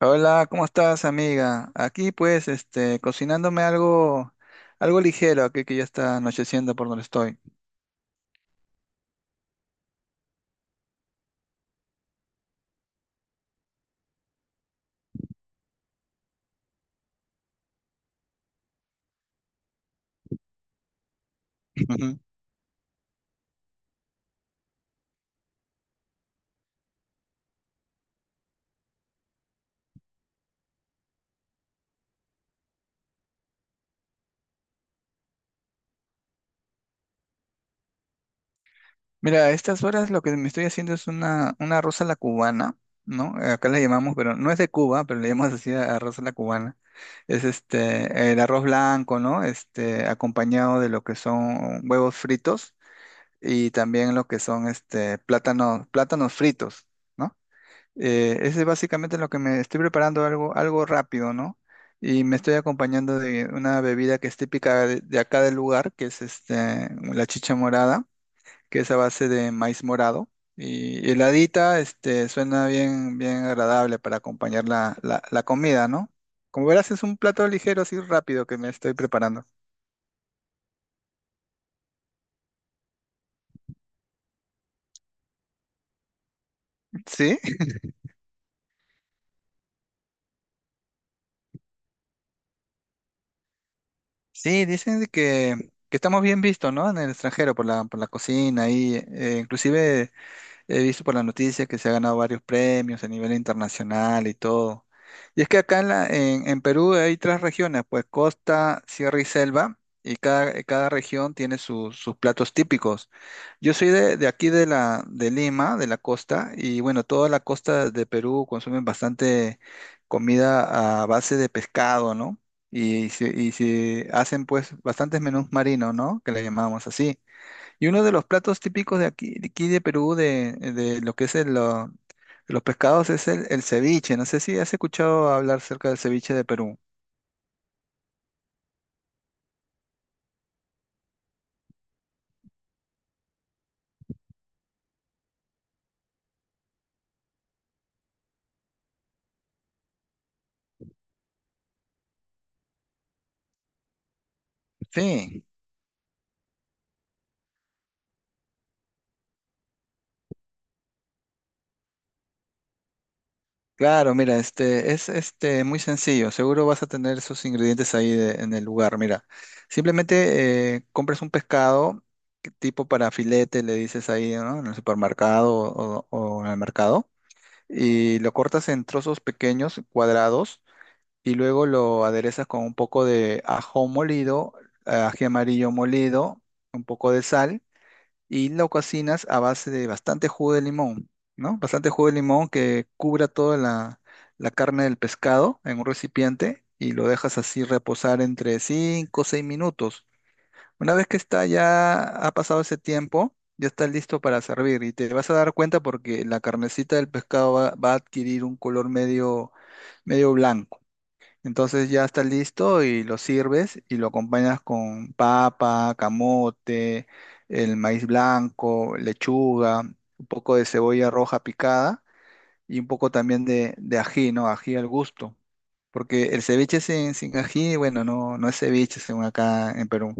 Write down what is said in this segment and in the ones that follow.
Hola, ¿cómo estás, amiga? Aquí pues, cocinándome algo, algo ligero, aquí que ya está anocheciendo por donde estoy. Mira, a estas horas lo que me estoy haciendo es una arroz a la cubana, ¿no? Acá le llamamos, pero no es de Cuba, pero le llamamos así arroz a la cubana. Es este, el arroz blanco, ¿no? Este, acompañado de lo que son huevos fritos y también lo que son este, plátanos fritos, ¿no? Ese es básicamente lo que me estoy preparando algo, algo rápido, ¿no? Y me estoy acompañando de una bebida que es típica de acá del lugar, que es este, la chicha morada que es a base de maíz morado. Y heladita, este, suena bien, bien agradable para acompañar la comida, ¿no? Como verás, es un plato ligero, así rápido que me estoy preparando. ¿Sí? Sí, dicen de que estamos bien vistos, ¿no? En el extranjero por la cocina y inclusive he visto por la noticia que se ha ganado varios premios a nivel internacional y todo. Y es que acá en Perú hay tres regiones, pues costa, sierra y selva, y cada región tiene sus platos típicos. Yo soy de aquí de de Lima, de la costa, y bueno, toda la costa de Perú consumen bastante comida a base de pescado, ¿no? Y, y se hacen pues bastantes menús marinos, ¿no? Que le llamamos así. Y uno de los platos típicos de aquí, de aquí de Perú, de lo que es los pescados, es el ceviche. No sé si has escuchado hablar acerca del ceviche de Perú. Sí, claro, mira, este es este muy sencillo. Seguro vas a tener esos ingredientes ahí en el lugar. Mira, simplemente compras un pescado que tipo para filete, le dices ahí, ¿no? En el supermercado o en el mercado, y lo cortas en trozos pequeños, cuadrados y luego lo aderezas con un poco de ajo molido, ají amarillo molido, un poco de sal y lo cocinas a base de bastante jugo de limón, ¿no? Bastante jugo de limón que cubra toda la carne del pescado en un recipiente y lo dejas así reposar entre 5 o 6 minutos. Una vez que está ya, ha pasado ese tiempo, ya está listo para servir y te vas a dar cuenta porque la carnecita del pescado va a adquirir un color medio, medio blanco, entonces ya está listo y lo sirves y lo acompañas con papa, camote, el maíz blanco, lechuga, un poco de cebolla roja picada y un poco también de ají, ¿no? Ají al gusto. Porque el ceviche sin ají, bueno, no, no es ceviche según acá en Perú.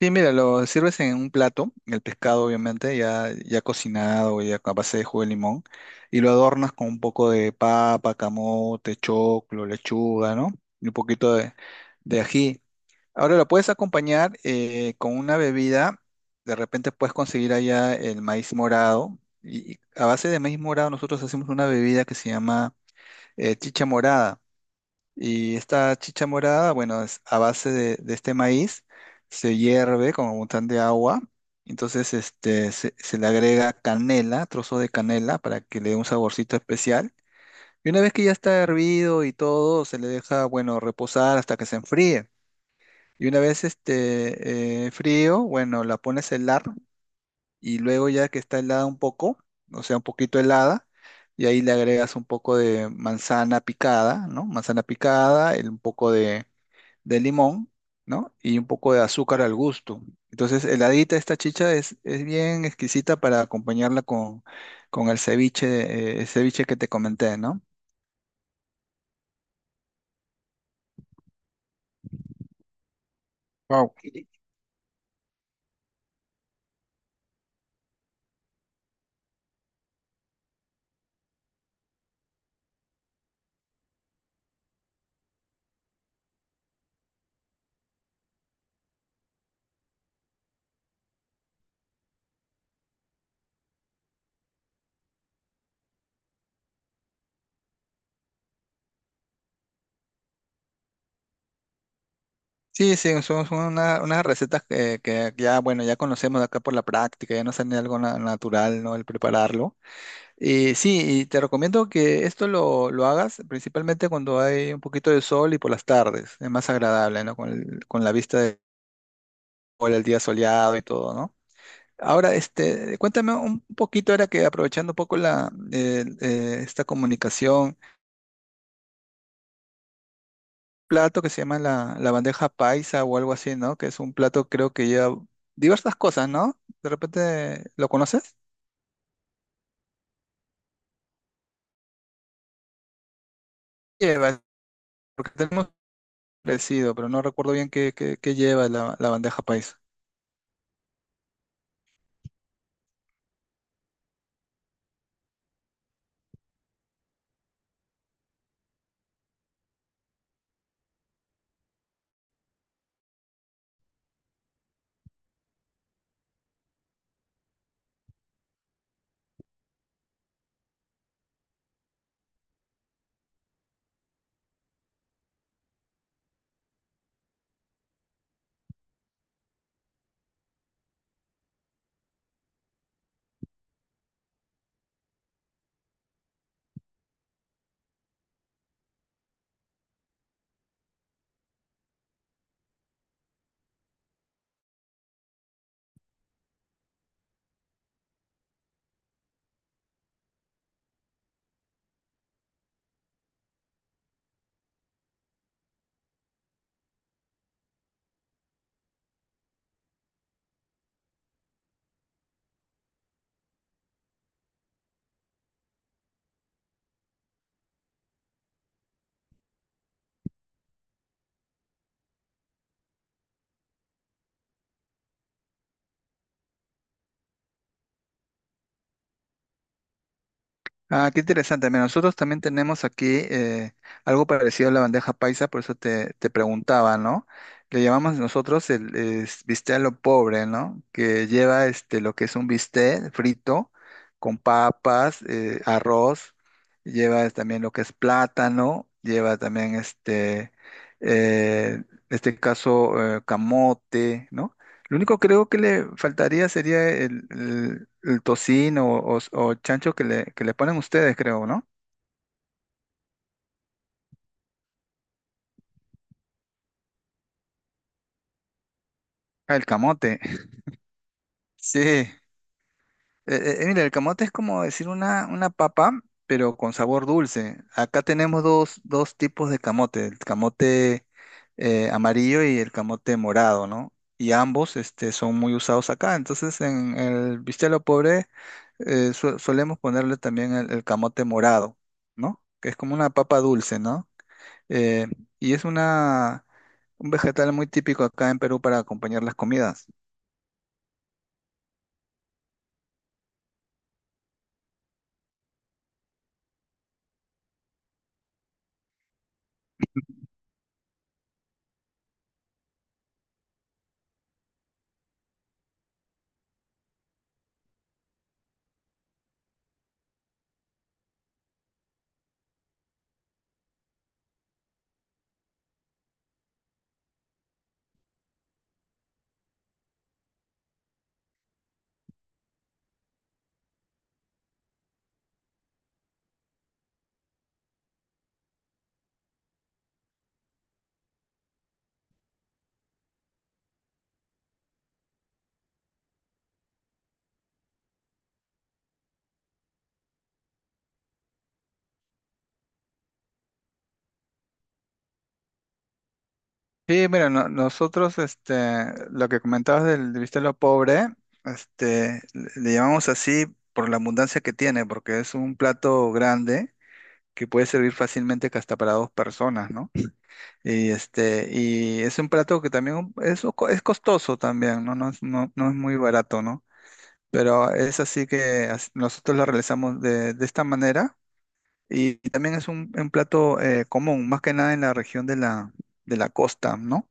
Sí, mira, lo sirves en un plato, el pescado obviamente, ya, ya cocinado, ya a base de jugo de limón, y lo adornas con un poco de papa, camote, choclo, lechuga, ¿no? Y un poquito de ají. Ahora lo puedes acompañar con una bebida, de repente puedes conseguir allá el maíz morado, y a base de maíz morado nosotros hacemos una bebida que se llama chicha morada. Y esta chicha morada, bueno, es a base de este maíz, se hierve con un montón de agua. Entonces, este, se le agrega canela, trozos de canela, para que le dé un saborcito especial. Y una vez que ya está hervido y todo, se le deja, bueno, reposar hasta que se enfríe. Y una vez frío, bueno, la pones a helar y luego ya que está helada un poco, o sea, un poquito helada, y ahí le agregas un poco de manzana picada, ¿no? Manzana picada, un poco de limón, ¿no? Y un poco de azúcar al gusto. Entonces, heladita esta chicha es bien exquisita para acompañarla con el ceviche que te comenté, ¿no? Sí, sí, son, son unas recetas que ya, bueno, ya conocemos acá por la práctica, ya nos sale algo natural, ¿no? El prepararlo. Y sí, y te recomiendo que esto lo hagas principalmente cuando hay un poquito de sol y por las tardes, es más agradable, ¿no? Con, con la vista del sol, el día soleado y todo, ¿no? Ahora, este, cuéntame un poquito, ahora que aprovechando un poco esta comunicación, plato que se llama la bandeja paisa o algo así, ¿no? Que es un plato creo que lleva diversas cosas, ¿no? ¿De repente lo conoces? Lleva, porque tenemos parecido, pero no recuerdo bien qué, qué lleva la bandeja paisa. Ah, qué interesante. Mira, nosotros también tenemos aquí algo parecido a la bandeja paisa, por eso te, te preguntaba, ¿no? Le llamamos nosotros el, es bistec a lo pobre, ¿no? Que lleva este, lo que es un bistec frito con papas, arroz, lleva también lo que es plátano, lleva también este, en este caso, camote, ¿no? Lo único creo que le faltaría sería el tocino o, o chancho que le ponen ustedes, creo, ¿no? Ah, el camote. Sí. Mira, el camote es como decir una papa, pero con sabor dulce. Acá tenemos dos, dos tipos de camote, el camote amarillo y el camote morado, ¿no? Y ambos este, son muy usados acá. Entonces, en el bistec pobre solemos ponerle también el camote morado, ¿no? Que es como una papa dulce, ¿no? Eh, y es una, un vegetal muy típico acá en Perú para acompañar las comidas. Sí, mira, nosotros, este, lo que comentabas del bistec a lo pobre, este, le llamamos así por la abundancia que tiene, porque es un plato grande que puede servir fácilmente que hasta para dos personas, ¿no? Y este, y es un plato que también es, es costoso también, ¿no? No es, no, no es muy barato, ¿no? Pero es así que nosotros lo realizamos de esta manera. Y también es un plato común, más que nada en la región de de la costa, ¿no?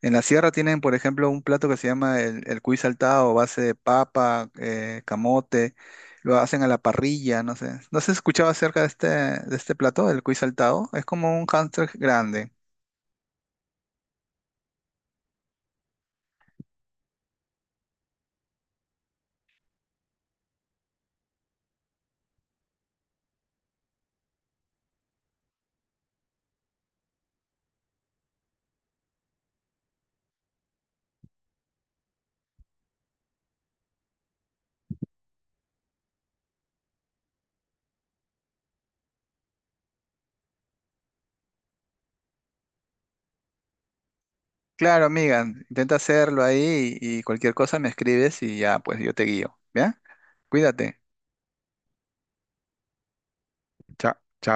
En la sierra tienen, por ejemplo, un plato que se llama el cuy saltado, base de papa, camote, lo hacen a la parrilla, no sé. ¿No has escuchado acerca de este plato, el cuy saltado? Es como un hámster grande. Claro, amiga, intenta hacerlo ahí y cualquier cosa me escribes y ya, pues yo te guío, ¿ya? Cuídate.